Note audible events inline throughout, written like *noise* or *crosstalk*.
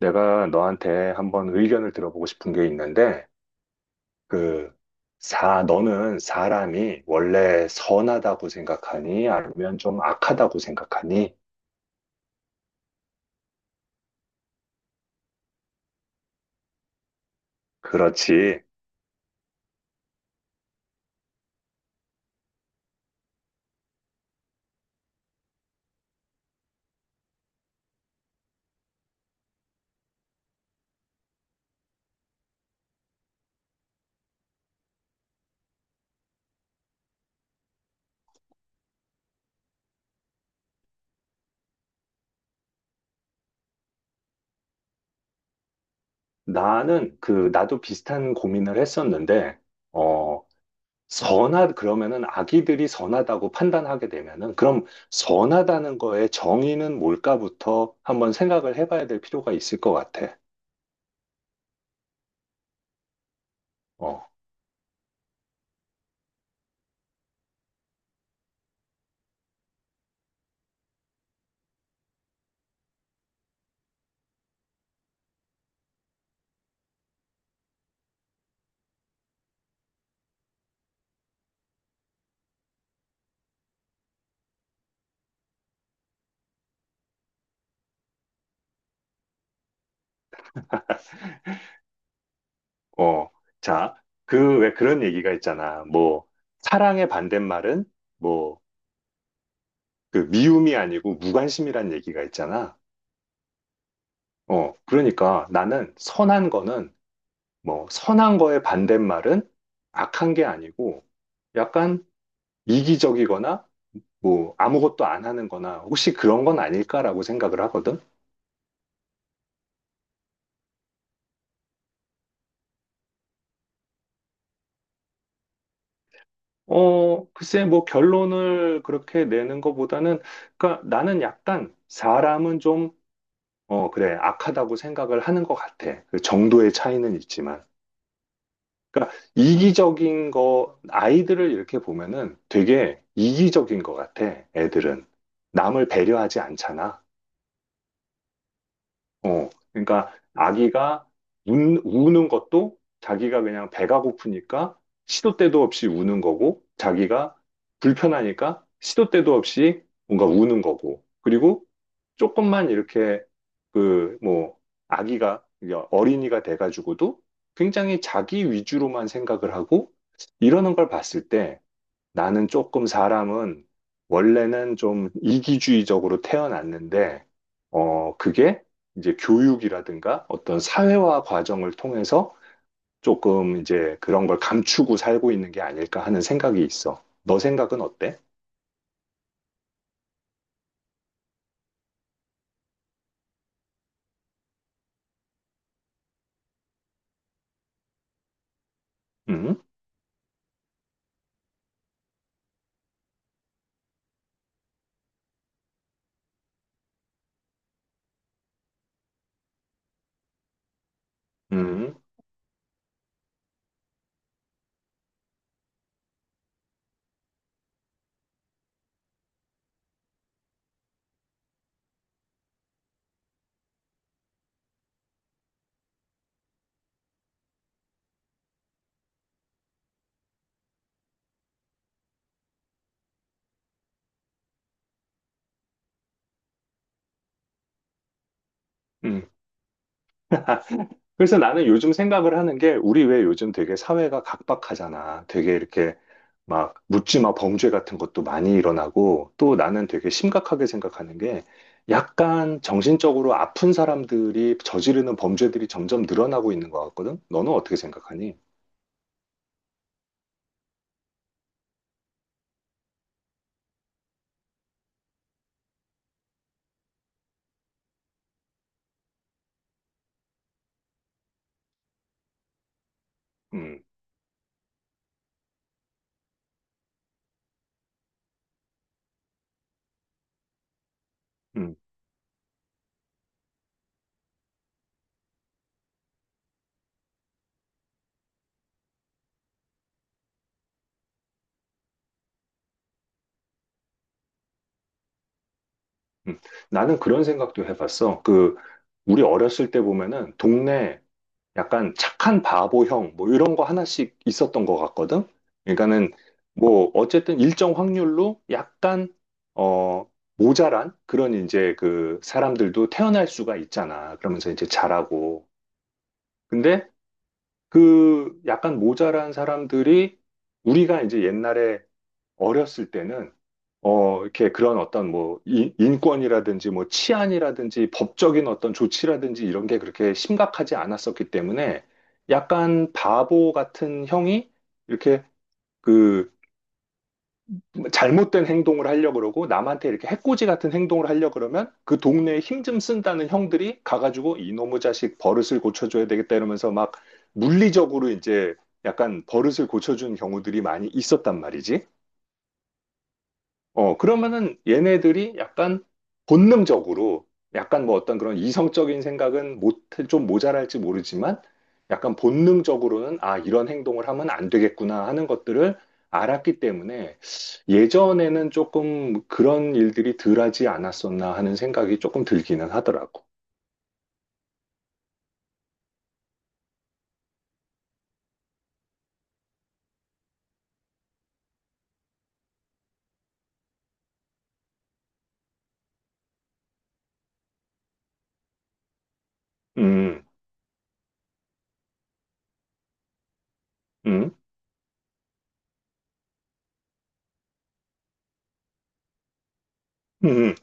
내가 너한테 한번 의견을 들어보고 싶은 게 있는데, 그, 너는 사람이 원래 선하다고 생각하니? 아니면 좀 악하다고 생각하니? 그렇지. 나는 나도 비슷한 고민을 했었는데, 어, 그러면은 아기들이 선하다고 판단하게 되면은, 그럼 선하다는 거의 정의는 뭘까부터 한번 생각을 해봐야 될 필요가 있을 것 같아. 어. 어, 자, 왜 그런 얘기가 있잖아. 뭐, 사랑의 반대말은, 뭐, 그 미움이 아니고 무관심이란 얘기가 있잖아. 어, 그러니까 나는 선한 거는, 뭐, 선한 거의 반대말은 악한 게 아니고, 약간 이기적이거나, 뭐, 아무것도 안 하는 거나, 혹시 그런 건 아닐까라고 생각을 하거든? 글쎄, 뭐, 결론을 그렇게 내는 것보다는, 그러니까 나는 약간 사람은 좀 어, 그래. 악하다고 생각을 하는 것 같아. 그 정도의 차이는 있지만. 그러니까 이기적인 거, 아이들을 이렇게 보면은 되게 이기적인 것 같아. 애들은. 남을 배려하지 않잖아. 어, 그러니까 아기가 우는 것도 자기가 그냥 배가 고프니까 시도 때도 없이 우는 거고, 자기가 불편하니까 시도 때도 없이 뭔가 우는 거고, 그리고 조금만 이렇게 그, 뭐, 아기가, 어린이가 돼가지고도 굉장히 자기 위주로만 생각을 하고 이러는 걸 봤을 때 나는 조금 사람은 원래는 좀 이기주의적으로 태어났는데, 그게 이제 교육이라든가 어떤 사회화 과정을 통해서 조금 이제 그런 걸 감추고 살고 있는 게 아닐까 하는 생각이 있어. 너 생각은 어때? 음, 음, 음. 그래서 나는 요즘 생각을 하는 게 우리 왜 요즘 되게 사회가 각박하잖아. 되게 이렇게 막 묻지마 범죄 같은 것도 많이 일어나고 또 나는 되게 심각하게 생각하는 게 약간 정신적으로 아픈 사람들이 저지르는 범죄들이 점점 늘어나고 있는 것 같거든. 너는 어떻게 생각하니? 음, 음, 음. 나는 그런 생각도 해봤어. 그 우리 어렸을 때 보면은 동네 약간 착한 바보형 뭐 이런 거 하나씩 있었던 것 같거든. 그러니까는 뭐 어쨌든 일정 확률로 약간 어 모자란 그런 이제 그 사람들도 태어날 수가 있잖아. 그러면서 이제 자라고. 근데 그 약간 모자란 사람들이 우리가 이제 옛날에 어렸을 때는 어, 이렇게 그런 어떤 뭐 인권이라든지 뭐 치안이라든지 법적인 어떤 조치라든지 이런 게 그렇게 심각하지 않았었기 때문에 약간 바보 같은 형이 이렇게 그 잘못된 행동을 하려고 그러고 남한테 이렇게 해코지 같은 행동을 하려고 그러면 그 동네에 힘 좀 쓴다는 형들이 가가지고 이놈의 자식 버릇을 고쳐줘야 되겠다 이러면서 막 물리적으로 이제 약간 버릇을 고쳐준 경우들이 많이 있었단 말이지. 어, 그러면은 얘네들이 약간 본능적으로 약간 뭐 어떤 그런 이성적인 생각은 못, 좀 모자랄지 모르지만 약간 본능적으로는 아, 이런 행동을 하면 안 되겠구나 하는 것들을 알았기 때문에 예전에는 조금 그런 일들이 덜하지 않았었나 하는 생각이 조금 들기는 하더라고. 음, 음, 음,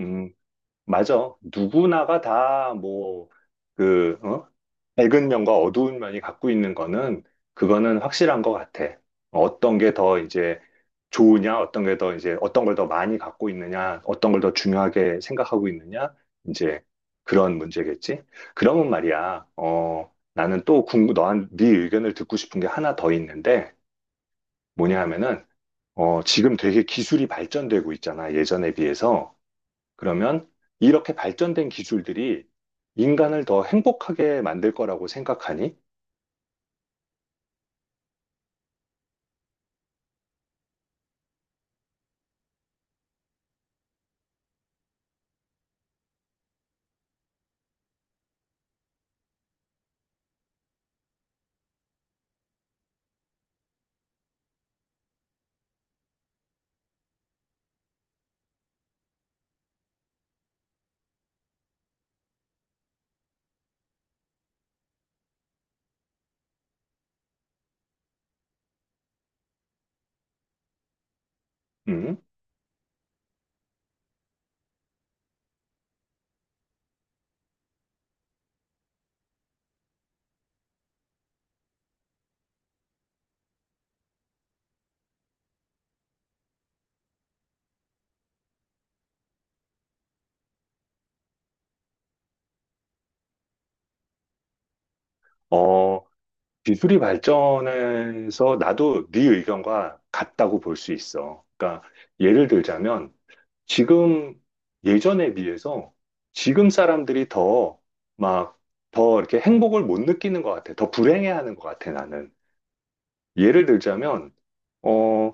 음. 맞아. 누구나가 다 뭐, 어? 밝은 면과 어두운 면이 갖고 있는 거는, 그거는 확실한 것 같아. 어떤 게 더 이제 좋으냐, 어떤 게 더 이제, 어떤 걸 더 많이 갖고 있느냐, 어떤 걸 더 중요하게 생각하고 있느냐, 이제 그런 문제겠지. 그러면 말이야, 어, 나는 또 궁금, 너한, 네 의견을 듣고 싶은 게 하나 더 있는데, 뭐냐 하면은, 어, 지금 되게 기술이 발전되고 있잖아, 예전에 비해서. 그러면 이렇게 발전된 기술들이 인간을 더 행복하게 만들 거라고 생각하니? 음, 어, 기술이 발전해서 나도 네 의견과 같다고 볼 수 있어. 예를 들자면 지금 예전에 비해서 지금 사람들이 더 막 더 이렇게 행복을 못 느끼는 것 같아. 더 불행해하는 것 같아, 나는. 예를 들자면, 어,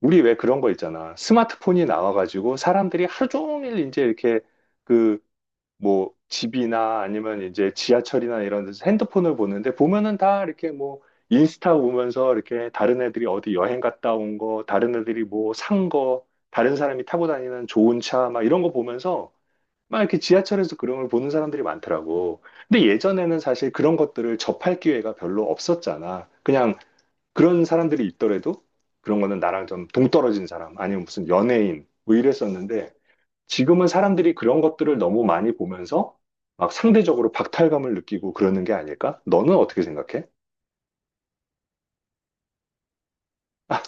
우리 왜 그런 거 있잖아. 스마트폰이 나와가지고 사람들이 하루 종일 이제 이렇게 그 뭐 집이나 아니면 이제 지하철이나 이런 데서 핸드폰을 보는데 보면은 다 이렇게 뭐 인스타 보면서 이렇게 다른 애들이 어디 여행 갔다 온 거, 다른 애들이 뭐 산 거, 다른 사람이 타고 다니는 좋은 차 막 이런 거 보면서 막 이렇게 지하철에서 그런 걸 보는 사람들이 많더라고. 근데 예전에는 사실 그런 것들을 접할 기회가 별로 없었잖아. 그냥 그런 사람들이 있더라도 그런 거는 나랑 좀 동떨어진 사람 아니면 무슨 연예인 뭐 이랬었는데 지금은 사람들이 그런 것들을 너무 많이 보면서 막 상대적으로 박탈감을 느끼고 그러는 게 아닐까? 너는 어떻게 생각해? 아,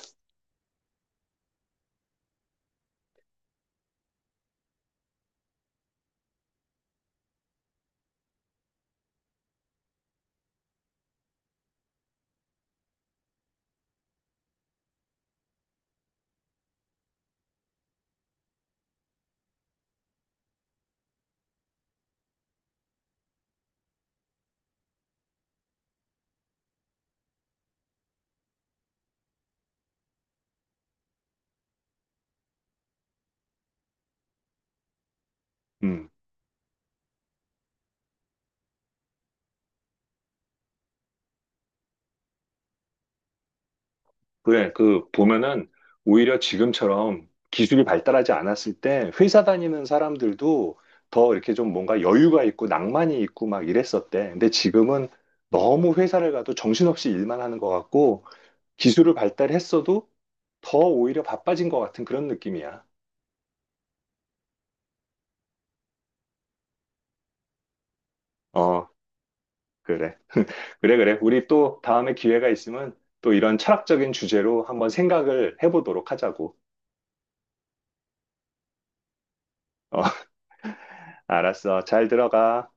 음, 그래. 그 보면은 오히려 지금처럼 기술이 발달하지 않았을 때 회사 다니는 사람들도 더 이렇게 좀 뭔가 여유가 있고 낭만이 있고 막 이랬었대. 근데 지금은 너무 회사를 가도 정신없이 일만 하는 것 같고 기술을 발달했어도 더 오히려 바빠진 것 같은 그런 느낌이야. 어, 그래. 그래, 그래. 우리 또 다음에 기회가 있으면 또 이런 철학적인 주제로 한번 생각을 해보도록 하자고. 어, *laughs* 알았어. 잘 들어가.